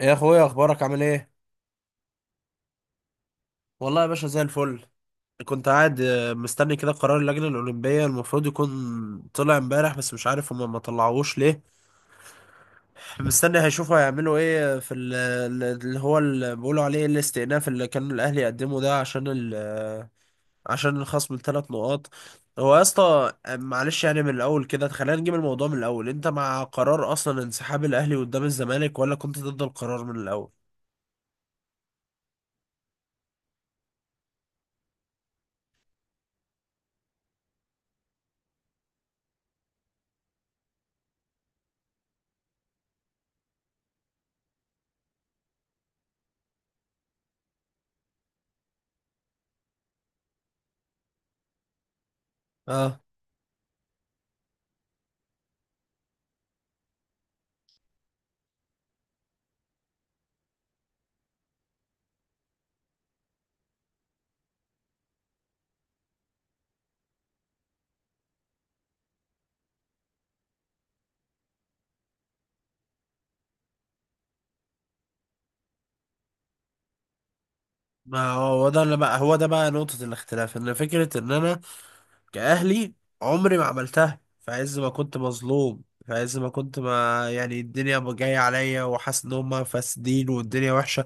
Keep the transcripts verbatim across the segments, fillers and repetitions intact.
يا اخويا، اخبارك عامل ايه؟ والله يا باشا، زي الفل. كنت قاعد آه، مستني كده قرار اللجنة الأولمبية، المفروض يكون طلع امبارح، بس مش عارف هما ما طلعوش ليه. مستني هيشوفوا هيعملوا ايه في ال- ال- اللي هو اللي بيقولوا عليه الاستئناف، اللي كان الأهلي يقدمه ده، عشان ال آه، عشان الخصم الثلاث نقاط. هو يا اسطى، آه، معلش يعني من الأول كده، خلينا نجيب الموضوع من الأول. أنت مع قرار أصلا انسحاب الأهلي قدام الزمالك، ولا كنت ضد القرار من الأول؟ اه. ما هو ده اللي بقى، هو ده بقى نقطة الاختلاف، ان فكرة ان انا كأهلي عمري ما عملتها، في عز ما كنت مظلوم، في عز ما كنت، ما يعني الدنيا جاية عليا وحاسس ان هما فاسدين والدنيا وحشة.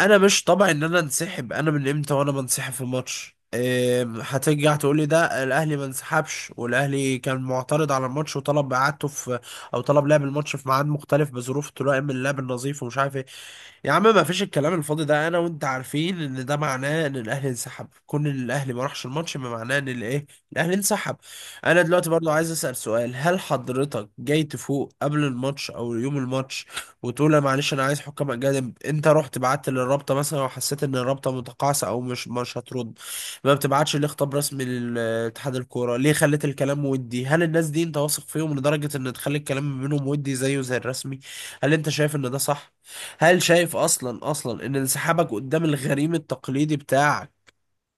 انا مش طبعي ان انا انسحب. انا من امتى وانا بنسحب في الماتش؟ أم، هترجع تقول لي ده الاهلي ما انسحبش، والاهلي كان معترض على الماتش وطلب اعادته، في او طلب لعب الماتش في ميعاد مختلف بظروف تلائم اللعب النظيف ومش عارف ايه. يا عم، ما فيش الكلام الفاضي ده، انا وانت عارفين ان ده معناه ان الاهلي انسحب. كون ان الاهلي ما راحش الماتش ما معناه ان الايه؟ الاهلي انسحب. انا دلوقتي برضو عايز اسال سؤال، هل حضرتك جاي تفوق قبل الماتش او يوم الماتش وتقول لا معلش انا عايز حكام اجانب؟ انت رحت بعت للرابطه مثلا وحسيت ان الرابطه متقاعسه او مش مش هترد؟ ما بتبعتش ليه خطاب رسمي لاتحاد الكوره؟ ليه خليت الكلام، ودي هل الناس دي انت واثق فيهم لدرجه ان تخلي الكلام منهم ودي زيه زي الرسمي؟ هل انت شايف ان ده صح؟ هل شايف اصلا اصلا ان انسحابك قدام الغريم التقليدي بتاعك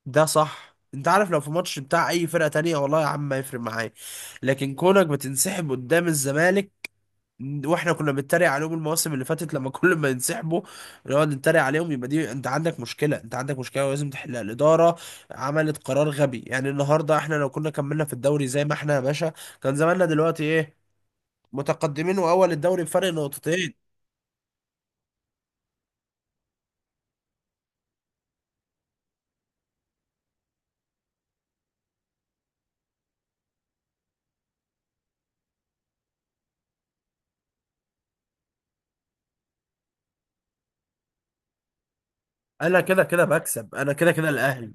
ده صح؟ انت عارف، لو في ماتش بتاع اي فرقة تانية والله يا عم ما يفرق معايا، لكن كونك بتنسحب قدام الزمالك واحنا كنا بنتريق عليهم المواسم اللي فاتت، لما كل ما ينسحبوا نقعد نتريق عليهم، يبقى دي انت عندك مشكله، انت عندك مشكله ولازم تحلها الاداره. عملت قرار غبي، يعني النهارده احنا لو كنا كملنا في الدوري زي ما احنا يا باشا، كان زماننا دلوقتي ايه؟ متقدمين واول الدوري بفرق نقطتين. انا كده كده بكسب، انا كده كده الاهلي.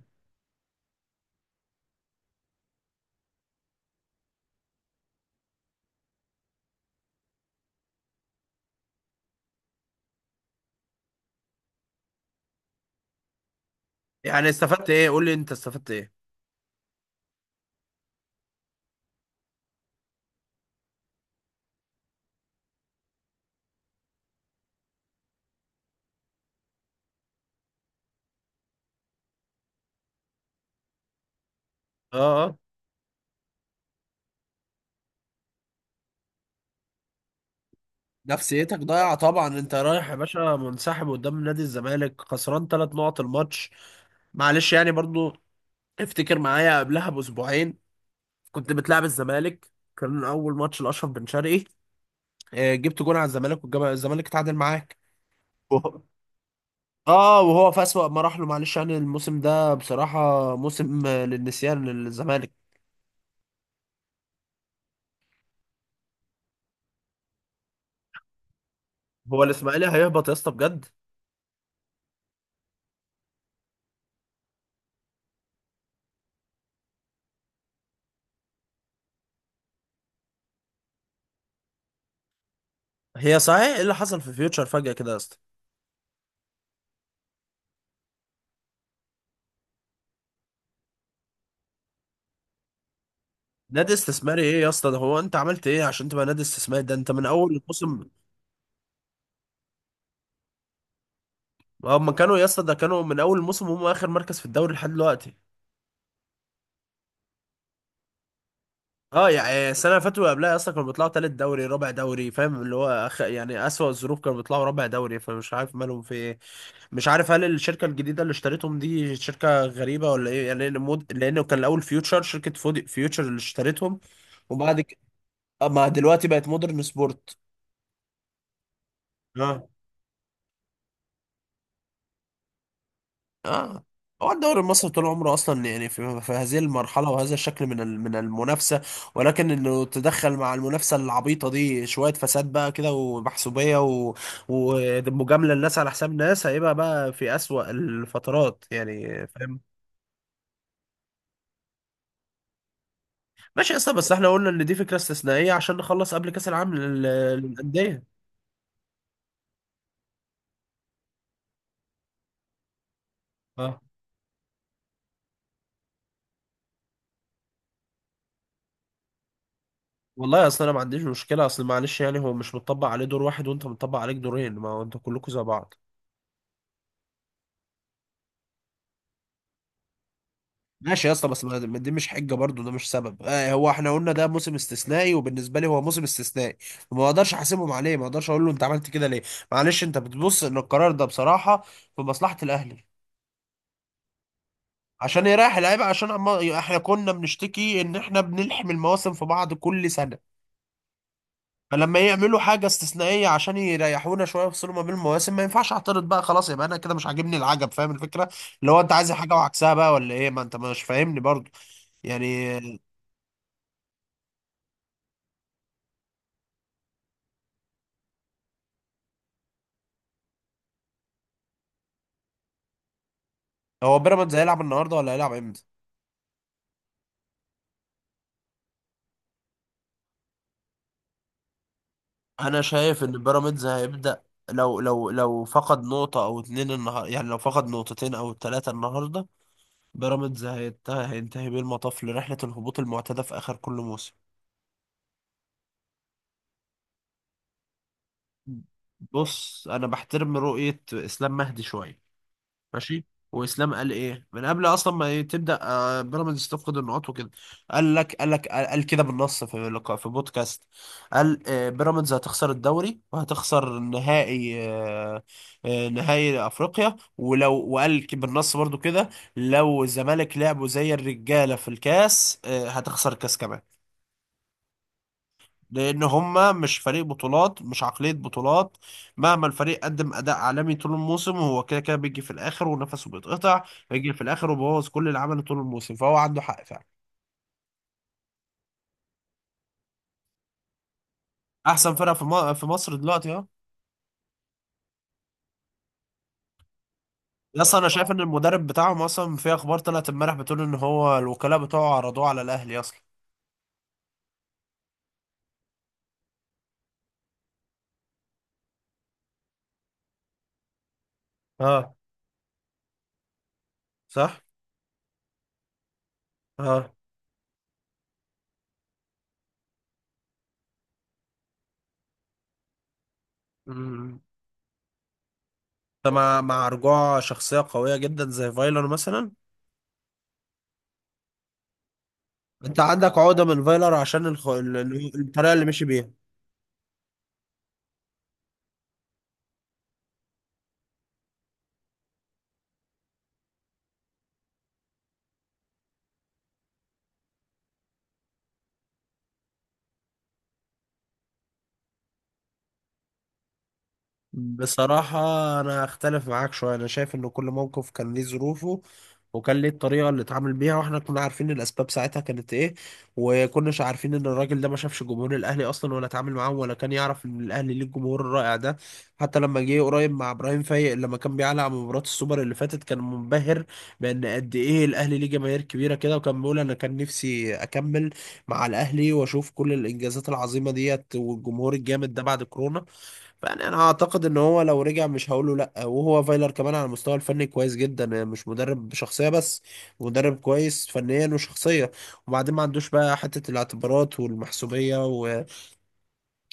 يعني استفدت ايه؟ قول لي انت استفدت ايه؟ اه، اه. نفسيتك ضايعه طبعا، انت رايح يا باشا منسحب قدام نادي الزمالك، خسران ثلاث نقط الماتش. معلش يعني برضو، افتكر معايا قبلها باسبوعين كنت بتلعب الزمالك، كان اول ماتش لاشرف بن شرقي. آه، جبت جون على الزمالك والزمالك اتعادل معاك. وهو- اه، وهو في اسوأ مراحله. معلش يعني الموسم ده بصراحه موسم آه، للنسيان للزمالك. هو الاسماعيلي هيهبط يا اسطى بجد؟ هي صحيح ايه اللي حصل في فيوتشر فجأة كده يا اسطى؟ نادي استثماري ايه يا اسطى؟ ده هو انت عملت ايه عشان تبقى نادي استثماري؟ ده انت من اول الموسم. هم كانوا يا اسطى، ده كانوا من اول الموسم هم اخر مركز في الدوري لحد دلوقتي. اه، يعني السنه اللي فاتت واللي قبلها اصلا كانوا بيطلعوا تالت دوري رابع دوري، فاهم، اللي هو أخ... يعني اسوأ الظروف كانوا بيطلعوا رابع دوري، فمش عارف مالهم في ايه. مش عارف، هل الشركه الجديده اللي اشتريتهم دي شركه غريبه ولا ايه يعني، لأن مود... لانه كان الاول فيوتشر شركه فودي... فيوتشر اللي اشتريتهم. وبعد كده، ما دلوقتي بقت مودرن سبورت. اه، اه. هو الدوري المصري طول عمره اصلا يعني في, في هذه المرحله وهذا الشكل من ال- من المنافسه، ولكن انه تدخل مع المنافسه العبيطه دي شويه فساد بقى كده ومحسوبيه و- ومجامله الناس على حساب ناس، هيبقى بقى في اسوأ الفترات يعني، فاهم. ماشي اصلا، بس احنا قلنا ان دي فكره استثنائيه عشان نخلص قبل كاس العالم لل- للانديه. اه. والله اصلا انا ما عنديش مشكله اصل، معلش يعني هو مش متطبق عليه دور واحد وانت متطبق عليك دورين، ما هو انتوا كلكم زي بعض. ماشي يا اسطى، بس ما- ما دي مش حجه برضو، ده مش سبب. آه هو احنا قلنا ده موسم استثنائي، وبالنسبه لي هو موسم استثنائي، ما اقدرش احاسبهم عليه، ما اقدرش اقول له انت عملت كده ليه. معلش، انت بتبص ان القرار ده بصراحه في مصلحه الاهلي، عشان يريح اللعيبه، عشان عم... احنا كنا بنشتكي ان احنا بنلحم المواسم في بعض كل سنه، فلما يعملوا حاجه استثنائيه عشان يريحونا شويه ويفصلوا ما بين المواسم، ما ينفعش اعترض بقى. خلاص، يبقى انا كده مش عاجبني العجب، فاهم الفكره؟ اللي هو انت عايز حاجه وعكسها بقى ولا ايه؟ ما انت مش فاهمني برضو يعني. هو بيراميدز هيلعب النهارده ولا هيلعب امتى؟ انا شايف ان بيراميدز هيبدأ، لو لو لو فقد نقطة او اتنين النهارده، يعني لو فقد نقطتين او ثلاثة النهارده، بيراميدز هيت- هينتهي بيه المطاف لرحلة الهبوط المعتادة في اخر كل موسم. بص، انا بحترم رؤية اسلام مهدي شوية. ماشي. واسلام قال ايه من قبل اصلا، ما ي- تبدا آه، بيراميدز تفقد النقاط وكده. قال لك قال لك قال قال كده بالنص في لقاء في بودكاست. قال آه، بيراميدز هتخسر الدوري، وهتخسر نهائي، آه، آه، نهائي افريقيا. ولو وقال ك- بالنص برضو كده، لو الزمالك لعبوا زي الرجاله في الكاس آه، هتخسر الكاس كمان. لان هما مش فريق بطولات، مش عقلية بطولات، مهما الفريق قدم اداء عالمي طول الموسم هو كده كده بيجي في الاخر ونفسه بيتقطع، بيجي في الاخر وبوظ كل اللي عمله طول الموسم، فهو عنده حق فعلا. احسن فرقة في م- في مصر دلوقتي، اه. يس، انا شايف ان المدرب بتاعهم اصلا في اخبار طلعت امبارح بتقول ان هو الوكلاء بتوعه عرضوه على الاهلي اصلا. اه، صح، اه، امم. انت مع مع رجوع شخصية قوية جدا زي فايلر مثلا؟ انت عندك عقدة من فايلر عشان الخ... ال- ال- الطريقة اللي مشي بيها. بصراحة، أنا أختلف معاك شوية، أنا شايف إن كل موقف كان ليه ظروفه، وكان ليه الطريقة اللي اتعامل بيها، وإحنا كنا عارفين الأسباب ساعتها كانت إيه، وكناش عارفين إن الراجل ده ما شافش جمهور الأهلي أصلا ولا اتعامل معاهم، ولا كان يعرف إن الأهلي ليه الجمهور الرائع ده. حتى لما جه قريب مع إبراهيم فايق، لما كان بيعلق على مباراة السوبر اللي فاتت، كان منبهر بإن قد إيه الأهلي ليه جماهير كبيرة كده، وكان بيقول أنا كان نفسي أكمل مع الأهلي وأشوف كل الإنجازات العظيمة ديت والجمهور الجامد ده بعد كورونا. فانا انا اعتقد ان هو لو رجع مش هقوله لا، وهو فايلر كمان على المستوى الفني كويس جدا، آه، مش مدرب شخصيه بس، مدرب كويس فنيا وشخصيه. وبعدين ما عندوش بقى حته الاعتبارات والمحسوبيه، و...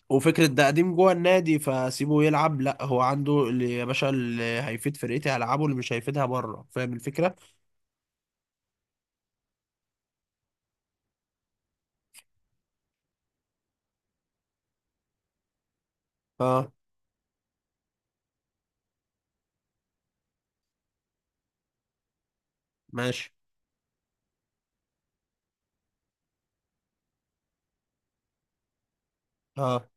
وفكره ده قديم جوه النادي فسيبه يلعب، لا، هو عنده اللي يا باشا اللي هيفيد فرقتي هلعبه، اللي مش هيفيدها بره، فاهم الفكره. اه، ماشي، اه،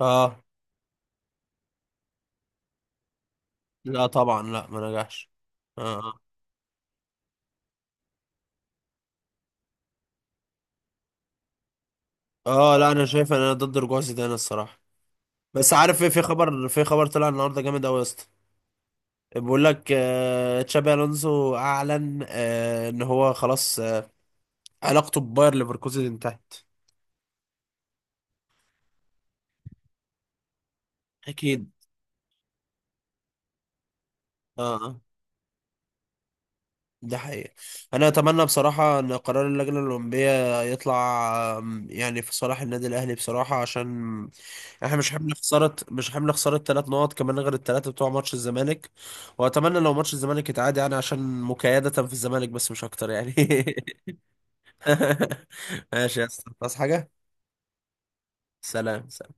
اه، لا طبعا، لا ما نجحش، اه، اه. آه، لا، انا شايف ان انا ضد رجوع زيدان الصراحه. بس عارف ايه، في خبر، في خبر طلع النهارده جامد قوي يا اسطى، بيقول لك آه، تشابي الونسو اعلن آه، ان هو خلاص آه، علاقته بباير ليفركوزن انتهت. اكيد، اه، اه، ده حقيقي. انا اتمنى بصراحه ان قرار اللجنه الاولمبيه يطلع، آم، يعني في صالح النادي الاهلي بصراحه، عشان احنا مش حمل خساره، مش حمل خساره ثلاث نقط كمان غير الثلاثه بتوع ماتش الزمالك. واتمنى لو ماتش الزمالك يتعاد، يعني عشان مكايده في الزمالك بس، مش اكتر يعني. ماشي يا اسطى، خلاص، حاجة. سلام، سلام.